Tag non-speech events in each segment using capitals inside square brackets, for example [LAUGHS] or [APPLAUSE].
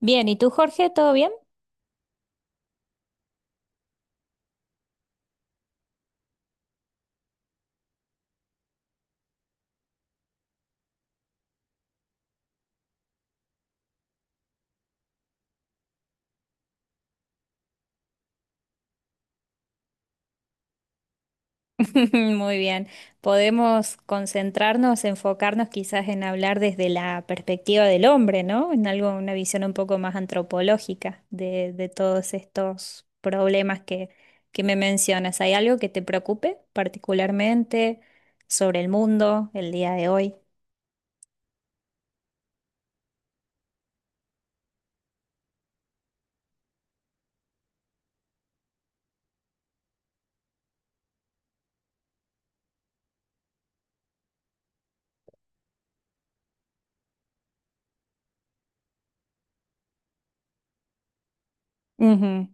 Bien, ¿y tú, Jorge? ¿Todo bien? [LAUGHS] Muy bien. Podemos concentrarnos, enfocarnos quizás en hablar desde la perspectiva del hombre, ¿no? En algo, una visión un poco más antropológica de todos estos problemas que me mencionas. ¿Hay algo que te preocupe particularmente sobre el mundo el día de hoy? Ujú.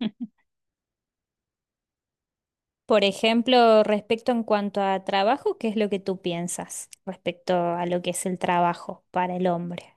[LAUGHS] Por ejemplo, respecto en cuanto a trabajo, ¿qué es lo que tú piensas respecto a lo que es el trabajo para el hombre?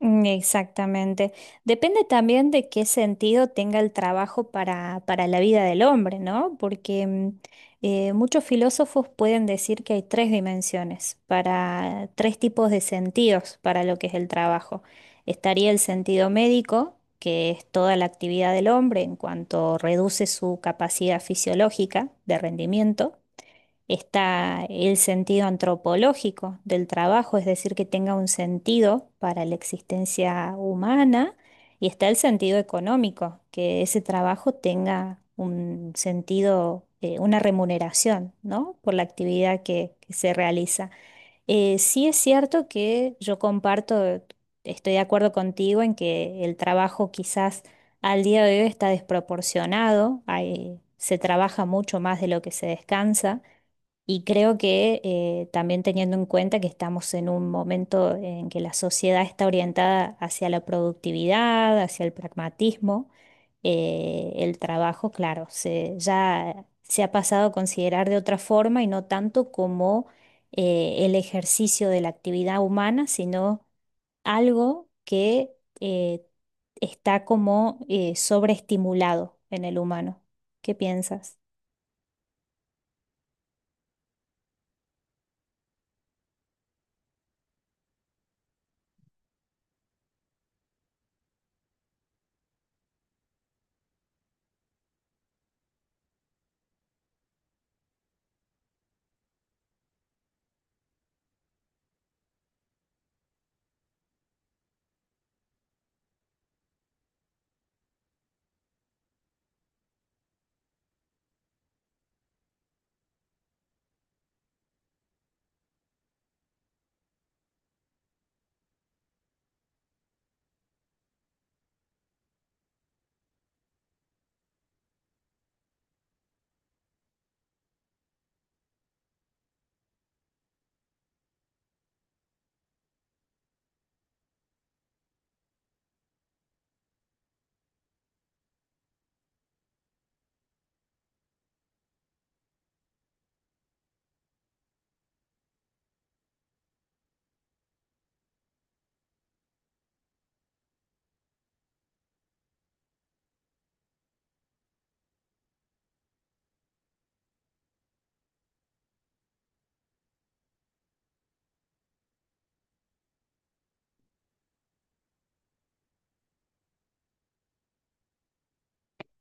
Mm, exactamente. Depende también de qué sentido tenga el trabajo para la vida del hombre, ¿no? Porque muchos filósofos pueden decir que hay tres dimensiones, para tres tipos de sentidos para lo que es el trabajo. Estaría el sentido médico, que es toda la actividad del hombre en cuanto reduce su capacidad fisiológica de rendimiento. Está el sentido antropológico del trabajo, es decir, que tenga un sentido para la existencia humana, y está el sentido económico, que ese trabajo tenga un sentido, una remuneración, ¿no? Por la actividad que se realiza. Sí es cierto que yo comparto, estoy de acuerdo contigo en que el trabajo quizás al día de hoy está desproporcionado, se trabaja mucho más de lo que se descansa. Y creo que también teniendo en cuenta que estamos en un momento en que la sociedad está orientada hacia la productividad, hacia el pragmatismo, el trabajo, claro, ya se ha pasado a considerar de otra forma y no tanto como el ejercicio de la actividad humana, sino algo que eh, está como sobreestimulado en el humano. ¿Qué piensas?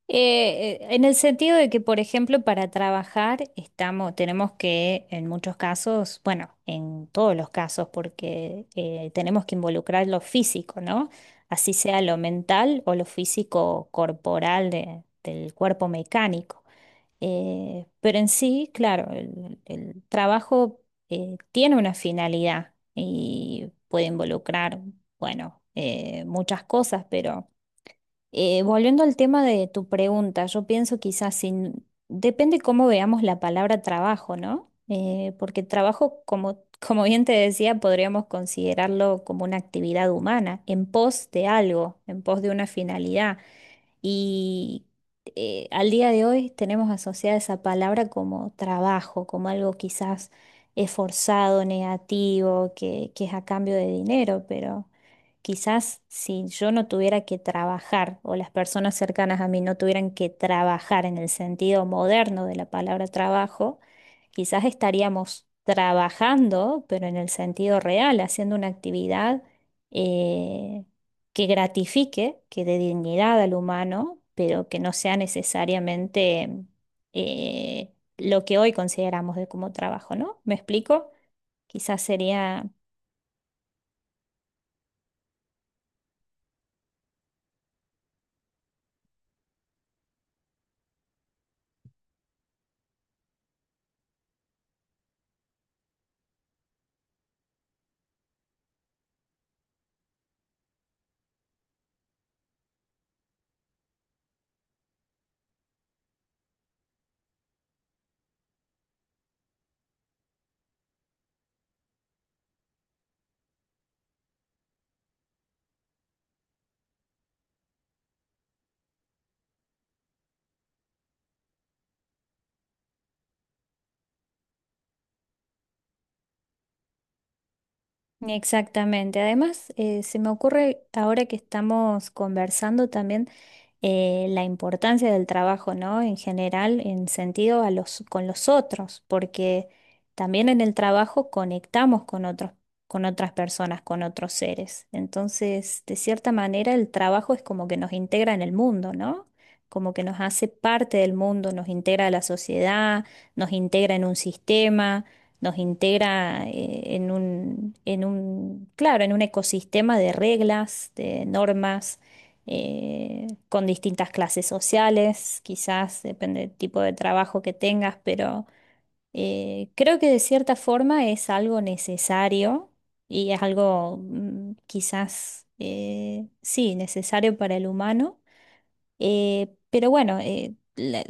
En el sentido de que, por ejemplo, para trabajar estamos, tenemos que, en muchos casos, bueno, en todos los casos, porque tenemos que involucrar lo físico, ¿no? Así sea lo mental o lo físico corporal del cuerpo mecánico. Pero en sí, claro, el trabajo tiene una finalidad y puede involucrar, bueno, muchas cosas, pero... Volviendo al tema de tu pregunta, yo pienso quizás sin... Depende cómo veamos la palabra trabajo, ¿no? Porque trabajo, como, [LAUGHS] como bien te decía, podríamos considerarlo como una actividad humana, en pos de algo, en pos de una finalidad. Y al día de hoy tenemos asociada esa palabra como trabajo, como algo quizás esforzado, negativo, que es a cambio de dinero, pero quizás si yo no tuviera que trabajar o las personas cercanas a mí no tuvieran que trabajar en el sentido moderno de la palabra trabajo, quizás estaríamos trabajando, pero en el sentido real, haciendo una actividad eh, que gratifique, que dé dignidad al humano, pero que no sea necesariamente lo que hoy consideramos de como trabajo, ¿no? ¿Me explico? Quizás sería exactamente. Además, se me ocurre ahora que estamos conversando también la importancia del trabajo, ¿no? En general, en sentido a los, con los otros, porque también en el trabajo conectamos con otros, con otras personas, con otros seres. Entonces, de cierta manera, el trabajo es como que nos integra en el mundo, ¿no? Como que nos hace parte del mundo, nos integra a la sociedad, nos integra en un sistema, nos integra en un, claro, en un ecosistema de reglas, de normas, con distintas clases sociales, quizás depende del tipo de trabajo que tengas, pero creo que de cierta forma es algo necesario y es algo quizás, sí, necesario para el humano, pero bueno,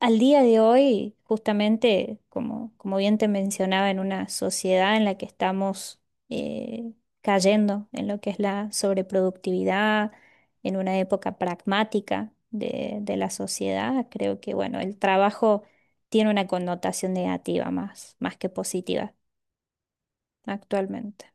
al día de hoy, justamente, como, como bien te mencionaba, en una sociedad en la que estamos eh, cayendo en lo que es la sobreproductividad, en una época pragmática de la sociedad, creo que bueno, el trabajo tiene una connotación negativa más, más que positiva actualmente.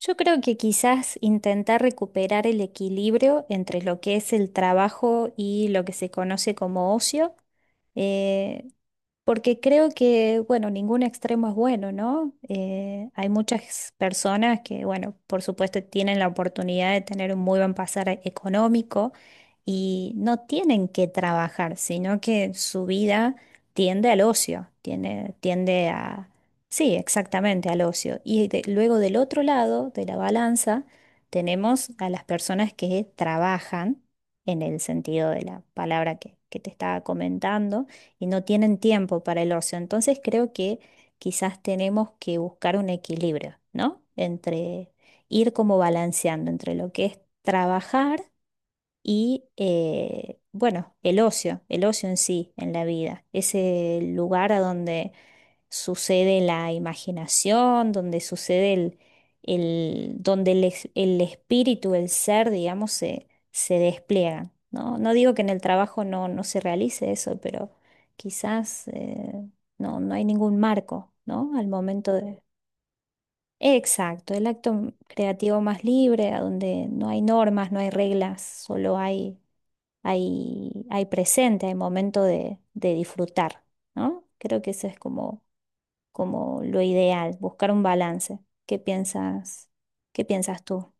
Yo creo que quizás intentar recuperar el equilibrio entre lo que es el trabajo y lo que se conoce como ocio, eh, porque creo que, bueno, ningún extremo es bueno, ¿no? Hay muchas personas que, bueno, por supuesto tienen la oportunidad de tener un muy buen pasar económico y no tienen que trabajar, sino que su vida tiende al ocio, tiende a... Sí, exactamente, al ocio. Y luego del otro lado de la balanza tenemos a las personas que trabajan, en el sentido de la palabra que te estaba comentando, y no tienen tiempo para el ocio. Entonces creo que quizás tenemos que buscar un equilibrio, ¿no? Entre ir como balanceando entre lo que es trabajar y, bueno, el ocio en sí, en la vida, ese lugar a donde sucede la imaginación, donde sucede donde el espíritu, el ser, digamos, se despliegan, ¿no? No digo que en el trabajo no se realice eso, pero quizás no, no hay ningún marco, ¿no? Al momento de... Exacto, el acto creativo más libre, a donde no hay normas, no hay reglas, solo hay, hay presente, hay momento de disfrutar, ¿no? Creo que eso es como, como lo ideal, buscar un balance. ¿Qué piensas? ¿Qué piensas tú?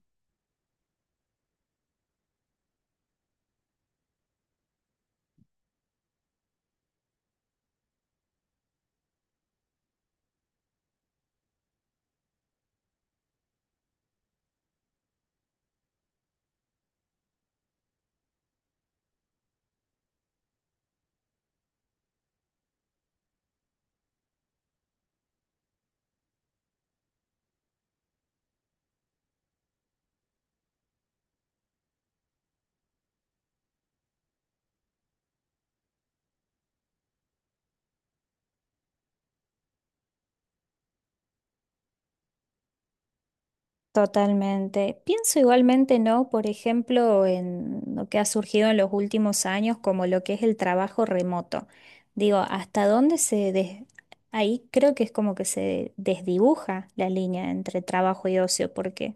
Totalmente. Pienso igualmente, ¿no? Por ejemplo, en lo que ha surgido en los últimos años, como lo que es el trabajo remoto. Digo, ¿hasta dónde se Ahí creo que es como que se desdibuja la línea entre trabajo y ocio, porque,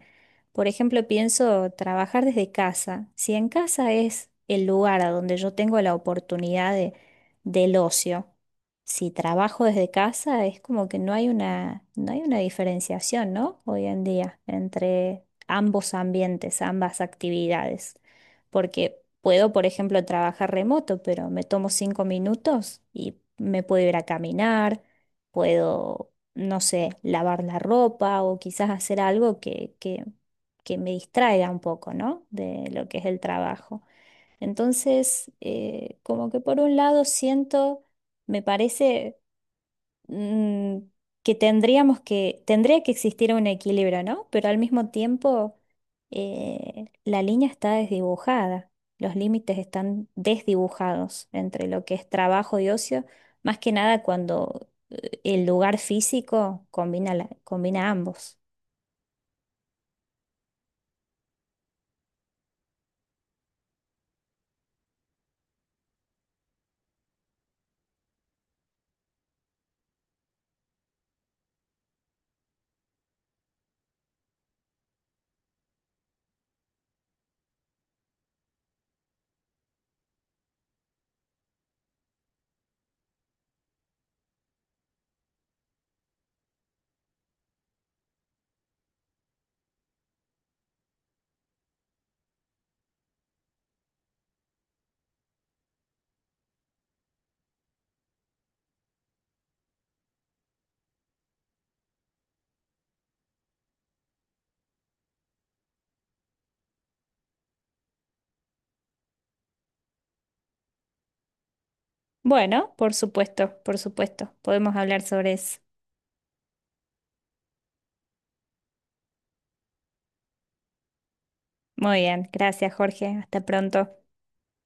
por ejemplo, pienso trabajar desde casa. Si en casa es el lugar a donde yo tengo la oportunidad de, del ocio. Si trabajo desde casa, es como que no hay una, no hay una diferenciación, ¿no? Hoy en día, entre ambos ambientes, ambas actividades. Porque puedo, por ejemplo, trabajar remoto, pero me tomo 5 minutos y me puedo ir a caminar, puedo, no sé, lavar la ropa o quizás hacer algo que me distraiga un poco, ¿no? De lo que es el trabajo. Entonces, como que por un lado siento, me parece mm, que tendríamos que, tendría que existir un equilibrio, ¿no? Pero al mismo tiempo, la línea está desdibujada, los límites están desdibujados entre lo que es trabajo y ocio, más que nada cuando el lugar físico combina, combina ambos. Bueno, por supuesto, podemos hablar sobre eso. Muy bien, gracias Jorge, hasta pronto.